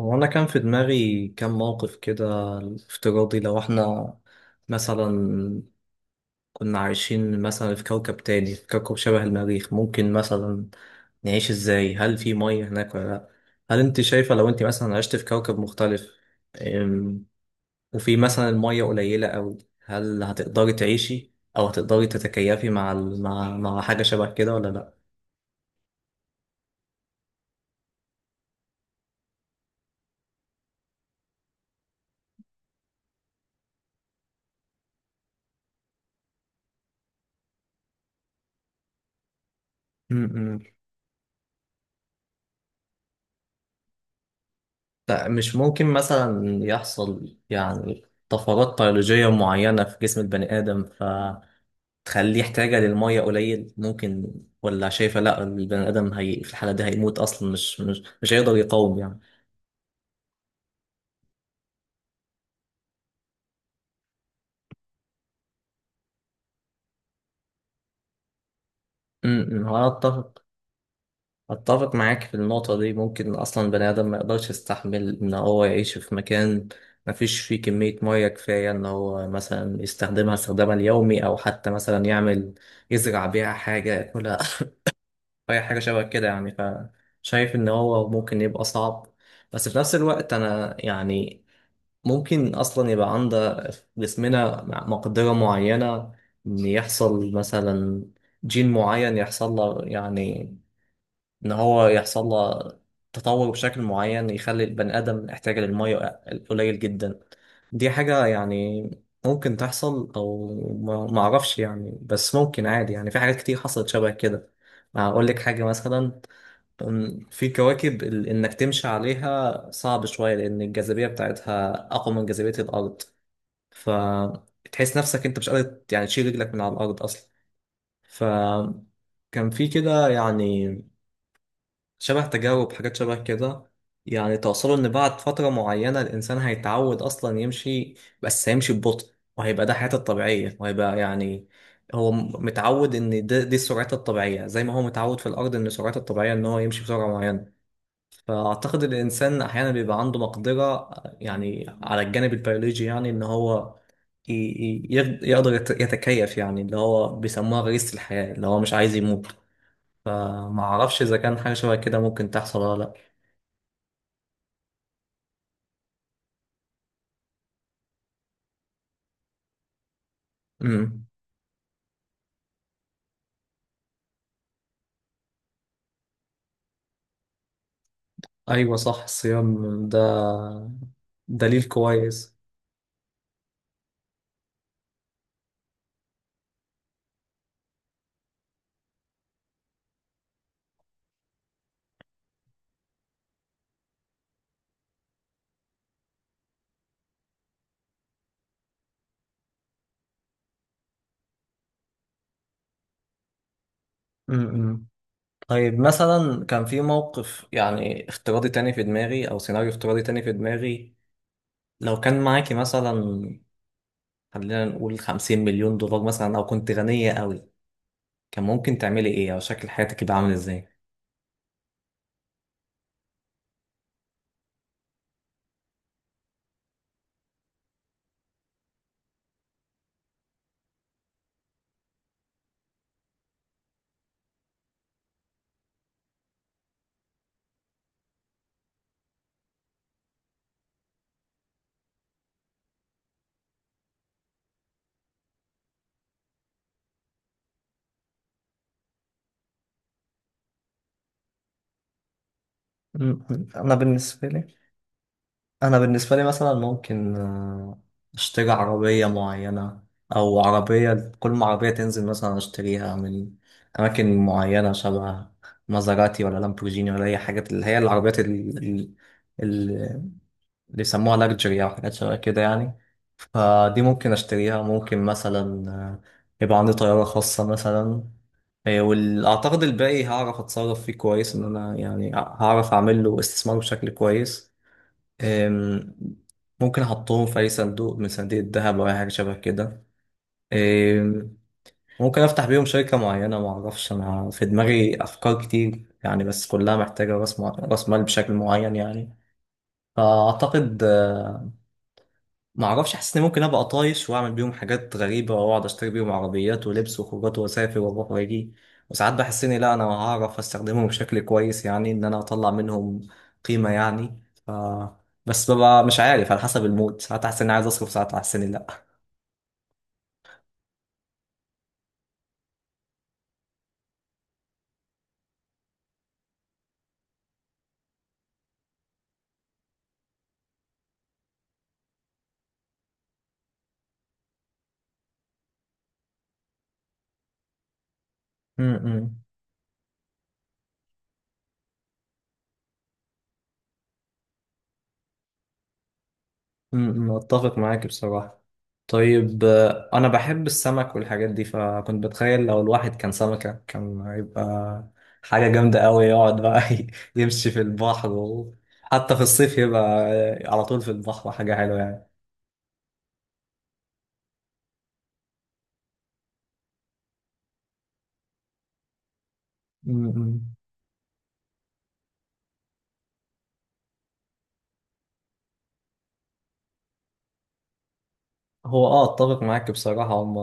هو أنا كان في دماغي كام موقف كده افتراضي. لو احنا مثلا كنا عايشين مثلا في كوكب تاني، في كوكب شبه المريخ، ممكن مثلا نعيش ازاي؟ هل في مية هناك ولا لأ؟ هل انت شايفة لو انت مثلا عشت في كوكب مختلف، أم، وفي مثلا المية قليلة أوي، هل هتقدري تعيشي أو هتقدري تتكيفي مع ال- مع مع حاجة شبه كده ولا لأ؟ م- م. لا، مش ممكن مثلا يحصل يعني طفرات بيولوجية معينة في جسم البني آدم فتخليه احتياجه للمية قليل؟ ممكن، ولا شايفة لا، البني آدم هي في الحالة دي هيموت أصلا، مش هيقدر يقاوم يعني. هو أنا أتفق، أتفق معاك في النقطة دي. ممكن أصلا البني آدم ما يقدرش يستحمل إن هو يعيش في مكان ما فيش فيه كمية مية كفاية إن هو مثلا يستخدمها استخدامها اليومي، أو حتى مثلا يعمل يزرع بيها حاجة ياكلها، اي حاجه شبه كده يعني. فشايف ان هو ممكن يبقى صعب. بس في نفس الوقت انا يعني ممكن اصلا يبقى عند جسمنا مقدره معينه ان يحصل مثلا جين معين، يحصل له يعني، ان هو يحصل له تطور بشكل معين يخلي البني ادم يحتاج للميه قليل جدا. دي حاجه يعني ممكن تحصل، او ما اعرفش يعني، بس ممكن عادي يعني، في حاجات كتير حصلت شبه كده. اقول لك حاجه مثلا، في كواكب انك تمشي عليها صعب شوية لان الجاذبية بتاعتها اقوى من جاذبية الارض، فتحس نفسك انت مش قادر يعني تشيل رجلك من على الارض اصلا. فكان في كده يعني شبه تجارب، حاجات شبه كده، يعني توصلوا ان بعد فترة معينة الانسان هيتعود اصلا يمشي، بس هيمشي ببطء، وهيبقى ده حياته الطبيعية، وهيبقى يعني هو متعود ان ده دي سرعته الطبيعية، زي ما هو متعود في الارض ان سرعته الطبيعية ان هو يمشي بسرعة معينة. فأعتقد الإنسان أحيانا بيبقى عنده مقدرة يعني على الجانب البيولوجي، يعني إن هو يقدر يتكيف، يعني اللي هو بيسموها غريزة الحياة، اللي هو مش عايز يموت. فما أعرفش إذا كان حاجة شبه كده ممكن تحصل ولا لأ. امم، أيوة صح، الصيام ده دليل كويس. امم. طيب مثلا كان في موقف يعني افتراضي تاني في دماغي، أو سيناريو افتراضي تاني في دماغي، لو كان معاكي مثلا، خلينا نقول 50 مليون دولار مثلا، او كنت غنية قوي، كان ممكن تعملي ايه، او شكل حياتك يبقى عامل ازاي؟ انا بالنسبه لي، انا بالنسبه لي مثلا ممكن اشتري عربيه معينه، او عربيه كل ما عربيه تنزل مثلا اشتريها، من اماكن معينه شبه مازراتي ولا لامبورجيني، ولا اي حاجات اللي هي العربيات اللي بيسموها لاكجري او حاجات شبه كده يعني. فدي ممكن اشتريها. ممكن مثلا يبقى عندي طياره خاصه مثلا. إيه، واعتقد الباقي هعرف اتصرف فيه كويس، ان انا يعني هعرف اعمل له استثمار بشكل كويس. أم، ممكن احطهم في اي صندوق من صناديق الذهب او اي حاجه شبه كده. أم، ممكن افتح بيهم شركه معينه. ما اعرفش، انا في دماغي افكار كتير يعني، بس كلها محتاجه راس مال بشكل معين يعني. فاعتقد ما اعرفش، حاسس اني ممكن ابقى طايش واعمل بيهم حاجات غريبه، واقعد اشتري بيهم عربيات ولبس وخروجات واسافر واروح واجي، وساعات بحس اني لا، انا هعرف استخدمهم بشكل كويس يعني، ان انا اطلع منهم قيمه يعني. ف بس ببقى مش عارف، على حسب المود، ساعات احس اني عايز اصرف، ساعات احس اني لا. م- م. أتفق معاك بصراحة. طيب أنا بحب السمك والحاجات دي، فكنت بتخيل لو الواحد كان سمكة كان هيبقى حاجة جامدة أوي. يقعد بقى يمشي في البحر حتى في الصيف يبقى على طول في البحر، حاجة حلوة يعني. أمم. هو اه اتفق معاك بصراحة، هم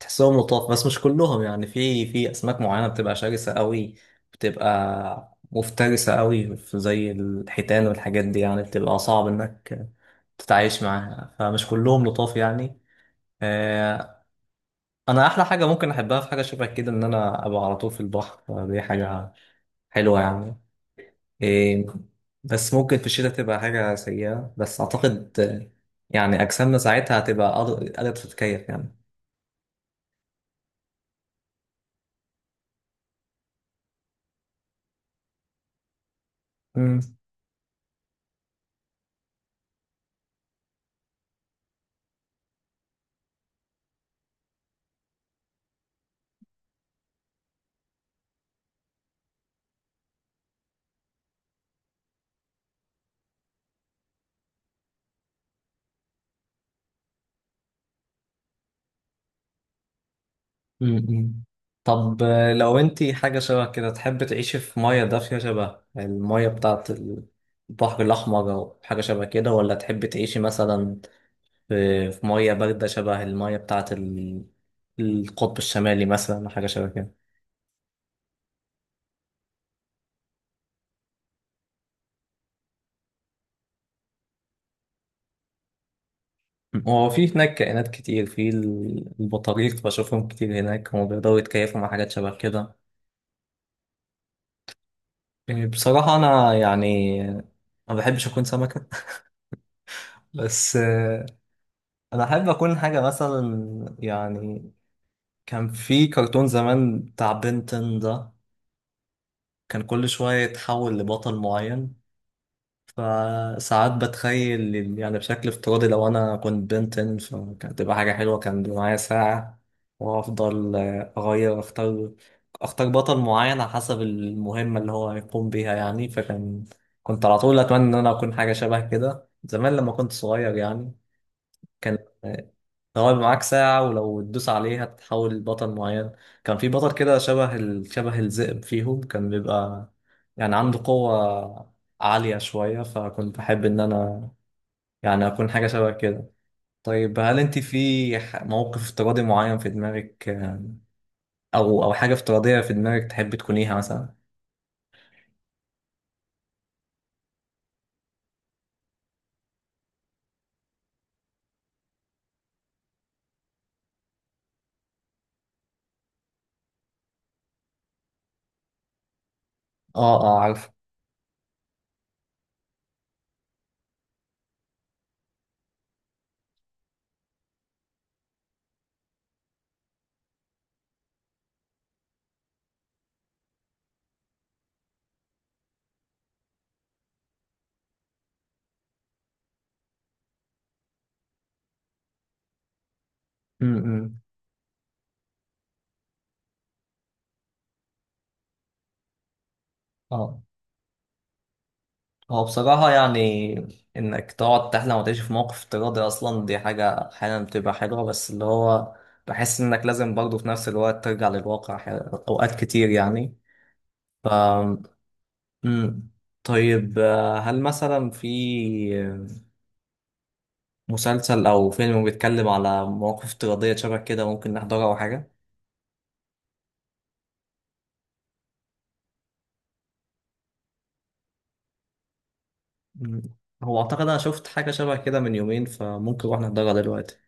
تحسهم لطاف بس مش كلهم يعني. في في اسماك معينة بتبقى شرسة قوي، بتبقى مفترسة قوي، زي الحيتان والحاجات دي يعني، بتبقى صعب انك تتعايش معاها، فمش كلهم لطاف يعني. آه، انا احلى حاجة ممكن احبها في حاجة شبه كده، ان انا ابقى على طول في البحر، فدي حاجة حلوة يعني. إيه. بس ممكن في الشتاء تبقى حاجة سيئة، بس أعتقد يعني أجسامنا ساعتها هتبقى قادرة تتكيف يعني. م-م. طب لو انتي حاجة شبه كده، تحب تعيشي في مية دافية شبه المية بتاعت البحر الأحمر أو حاجة شبه كده، ولا تحب تعيشي مثلا في مية باردة شبه المية بتاعت القطب الشمالي مثلا، حاجة شبه كده؟ م. هو في هناك كائنات كتير، البطاريق بشوفهم كتير هناك، هم بيقدروا يتكيفوا مع حاجات شبه كده. بصراحة أنا يعني ما بحبش أكون سمكة بس أنا أحب أكون حاجة مثلا يعني، كان في كرتون زمان بتاع بنتن ده، كان كل شوية يتحول لبطل معين. فساعات بتخيل يعني بشكل افتراضي لو أنا كنت بنتن، فكانت تبقى حاجة حلوة. كان بيبقى معايا ساعة، وأفضل آه، أغير أختار أختار بطل معين على حسب المهمة اللي هو هيقوم بيها يعني. فكان كنت على طول أتمنى إن أنا أكون حاجة شبه كده زمان لما كنت صغير يعني. كان هو يبقى معاك ساعة، ولو تدوس عليه هتتحول لبطل معين. كان في بطل كده شبه شبه الذئب فيهم، كان بيبقى يعني عنده قوة عالية شوية، فكنت بحب إن أنا يعني أكون حاجة شبه كده. طيب هل أنت في موقف افتراضي معين في دماغك أو حاجة افتراضية في دماغك تحب تكونيها مثلا؟ آه آه عارف. م- م. آه، هو بصراحة يعني إنك تقعد تحلم وتعيش في موقف افتراضي أصلا، دي حاجة أحيانا بتبقى حلوة، بس اللي هو بحس إنك لازم برضه في نفس الوقت ترجع للواقع، أوقات كتير يعني. ف مم. طيب هل مثلا في مسلسل أو فيلم بيتكلم على مواقف افتراضية شبه كده، ممكن نحضرها أو حاجة؟ مم. هو أعتقد أنا شفت حاجة شبه كده من يومين، فممكن نروح نحضرها دلوقتي.